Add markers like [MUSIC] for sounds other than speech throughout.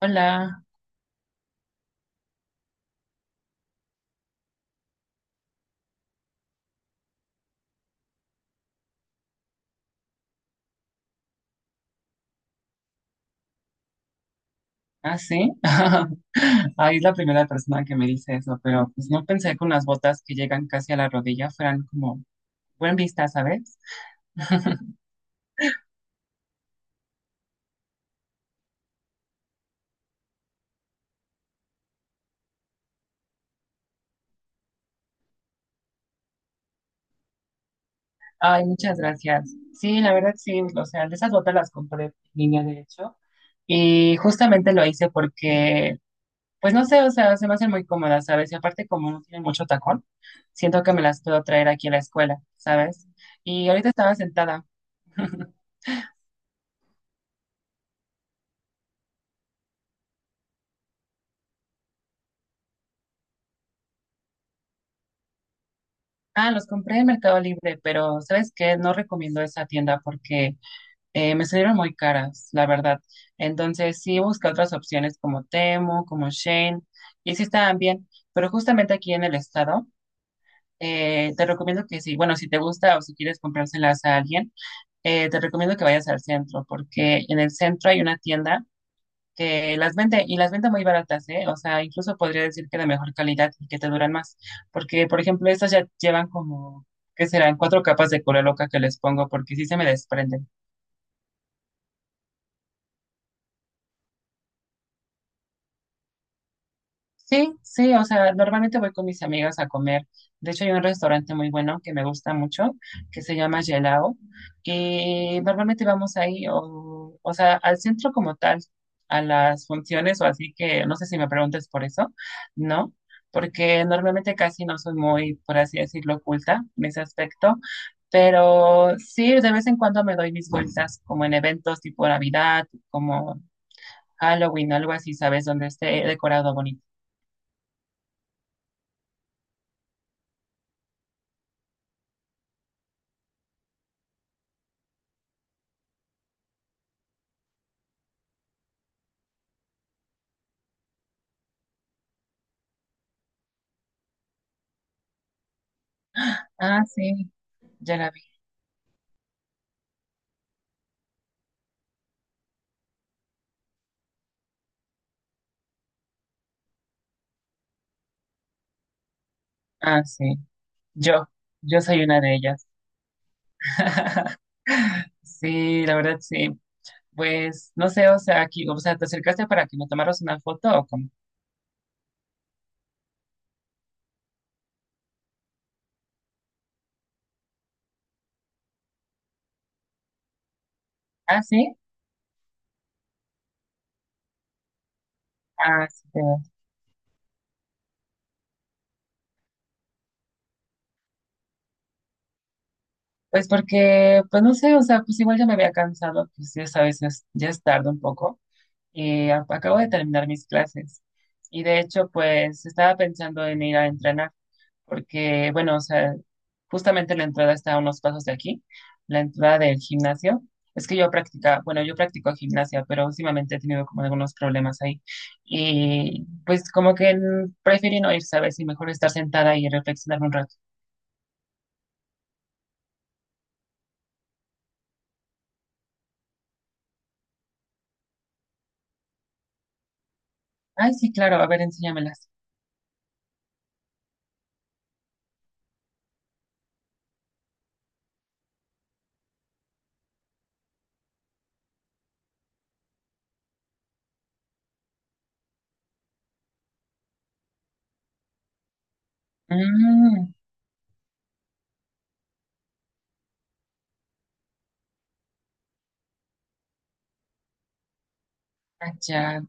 Hola, ¿ah, sí? [LAUGHS] Ahí es la primera persona que me dice eso, pero pues no pensé que unas botas que llegan casi a la rodilla fueran como buen vista, ¿sabes? [LAUGHS] Ay, muchas gracias. Sí, la verdad sí, o sea, de esas botas las compré en línea, de hecho, y justamente lo hice porque, pues no sé, o sea, se me hacen muy cómodas, ¿sabes? Y aparte como no tienen mucho tacón, siento que me las puedo traer aquí a la escuela, ¿sabes? Y ahorita estaba sentada. [LAUGHS] Ah, los compré en Mercado Libre, pero ¿sabes qué? No recomiendo esa tienda porque me salieron muy caras, la verdad. Entonces sí busqué otras opciones como Temu, como Shein, y sí estaban bien, pero justamente aquí en el estado, te recomiendo que sí, bueno, si te gusta o si quieres comprárselas a alguien, te recomiendo que vayas al centro, porque en el centro hay una tienda que las vende y las vende muy baratas, ¿eh? O sea, incluso podría decir que de mejor calidad y que te duran más, porque por ejemplo, estas ya llevan como, ¿qué serán? Cuatro capas de loca que les pongo porque sí se me desprenden. Sí, sí, o sea, normalmente voy con mis amigas a comer. De hecho, hay un restaurante muy bueno que me gusta mucho, que se llama Gelao, y normalmente vamos ahí, o sea, al centro como tal, a las funciones, o así que no sé si me preguntes por eso, ¿no? Porque normalmente casi no soy muy, por así decirlo, oculta en ese aspecto, pero sí, de vez en cuando me doy mis vueltas, como en eventos tipo Navidad, como Halloween, algo así, ¿sabes? Donde esté decorado bonito. Ah, sí, ya la vi. Ah, sí, yo, yo soy una de ellas. [LAUGHS] Sí, la verdad, sí. Pues, no sé, o sea, aquí, o sea, ¿te acercaste para que me tomaras una foto o cómo? Ah, sí, ah, sí, te veo. Pues porque, pues no sé, o sea, pues igual ya me había cansado, pues ya sabes, es- ya es tarde un poco. Y a- acabo de terminar mis clases. Y de hecho, pues estaba pensando en ir a entrenar. Porque, bueno, o sea, justamente la entrada está a unos pasos de aquí, la entrada del gimnasio. Es que yo practicaba, bueno, yo practico gimnasia, pero últimamente he tenido como algunos problemas ahí. Y pues como que preferí no ir, ¿sabes? Y mejor estar sentada y reflexionar un rato. Ay, sí, claro, a ver, enséñamelas. Mm, allá.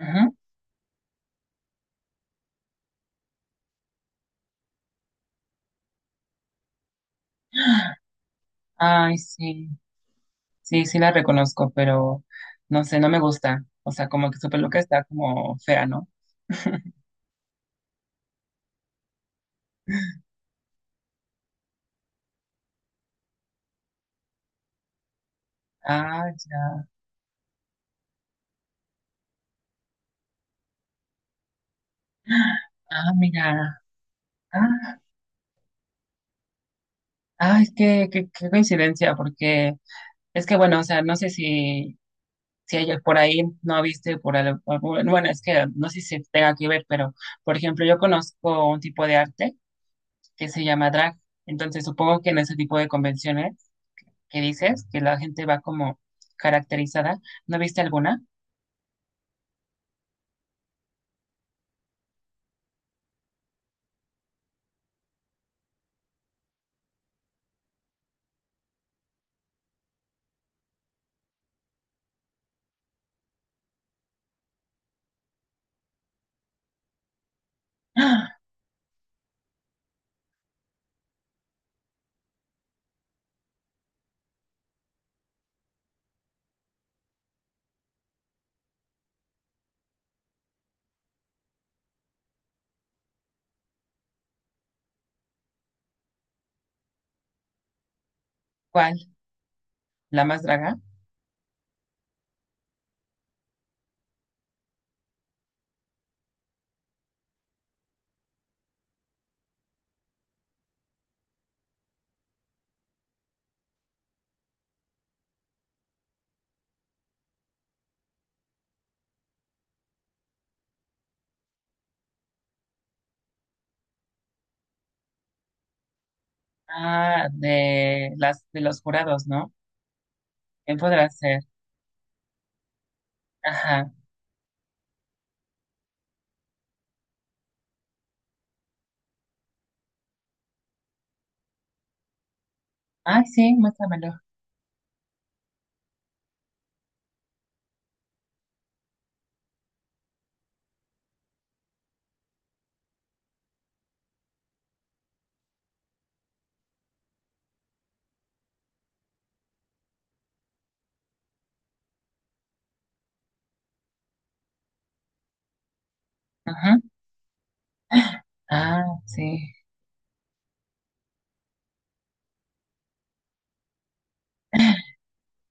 Ujú. Ay, sí, sí, sí la reconozco, pero no sé, no me gusta. O sea, como que su peluca está como fea, ¿no? [LAUGHS] Ah, ya. Ah, mira. Ah, ay, qué, qué, qué coincidencia, porque es que bueno, o sea, no sé si, si ella por ahí no viste por al- algún- bueno, bueno, es que no sé si tenga que ver, pero por ejemplo, yo conozco un tipo de arte que se llama drag, entonces supongo que en ese tipo de convenciones que dices, que la gente va como caracterizada, ¿no viste alguna? ¡Ah! ¿Cuál? ¿La más draga? Ah, de las de los jurados, ¿no? ¿Quién podrá ser? Ajá. Ay, sí, muéstramelo. Ajá. Ah, sí.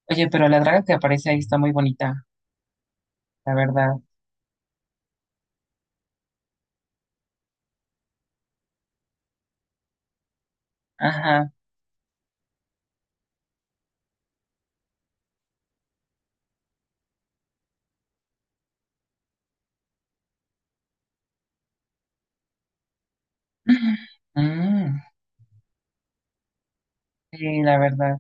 Oye, pero la draga que aparece ahí está muy bonita, la verdad. Ajá. [LAUGHS] Mm, sí, la verdad.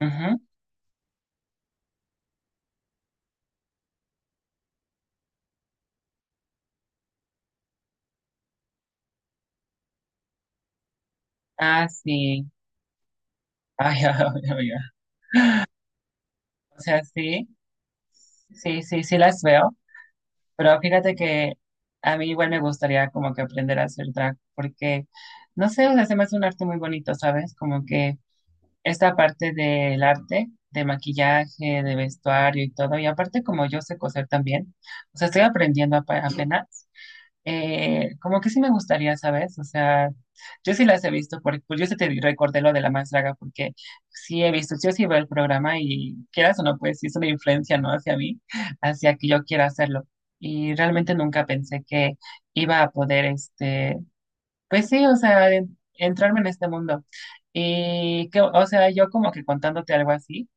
Ujú. Ah, sí. Ay, [LAUGHS] ay, ay, ay. O sea, sí, sí, sí, sí las veo, pero fíjate que a mí igual me gustaría como que aprender a hacer drag, porque, no sé, o sea, se me hace un arte muy bonito, ¿sabes? Como que esta parte del arte, de maquillaje, de vestuario y todo, y aparte como yo sé coser también, o sea, estoy aprendiendo apa- apenas. Como que sí me gustaría, ¿sabes? O sea, yo sí las he visto, porque, pues yo sí te recordé lo de la más draga, porque sí he visto, yo sí veo el programa y quieras o no, pues sí es una influencia, ¿no? Hacia mí, hacia que yo quiera hacerlo. Y realmente nunca pensé que iba a poder, este, pues sí, o sea, en- entrarme en este mundo. Y que, o sea, yo como que contándote algo así.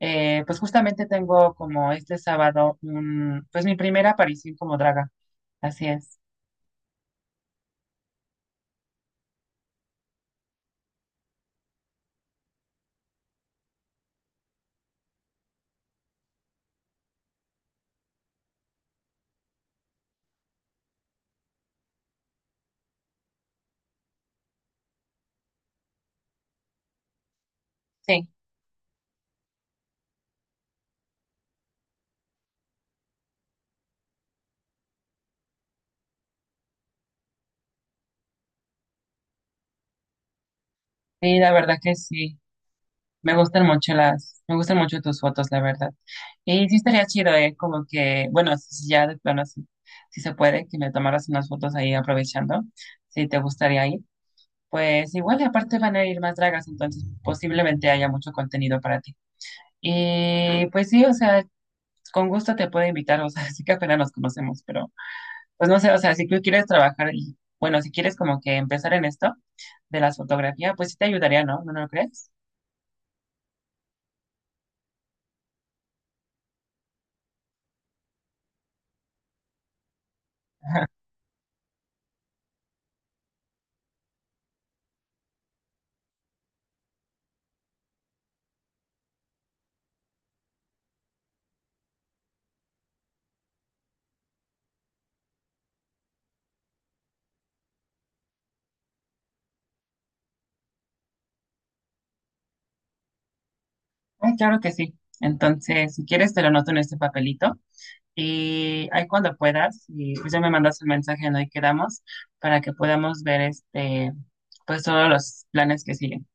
Pues justamente tengo como este sábado, un, pues mi primera aparición como draga. Así es. Sí. Sí, la verdad que sí. Me gustan mucho las, me gustan mucho tus fotos, la verdad. Y sí estaría chido, ¿eh? Como que, bueno, si ya de plano, sí, si se puede, que me tomaras unas fotos ahí aprovechando, si te gustaría ir. Pues igual, y aparte van a ir más dragas, entonces posiblemente haya mucho contenido para ti. Y pues sí, o sea, con gusto te puedo invitar, o sea, [LAUGHS] sí que apenas nos conocemos, pero pues no sé, o sea, si tú quieres trabajar y, bueno, si quieres como que empezar en esto de las fotografías, pues sí te ayudaría, ¿no? ¿No lo crees? [LAUGHS] Ay, claro que sí. Entonces, si quieres, te lo anoto en este papelito. Y ahí cuando puedas, y pues ya me mandas el mensaje en hoy quedamos para que podamos ver este, pues todos los planes que siguen.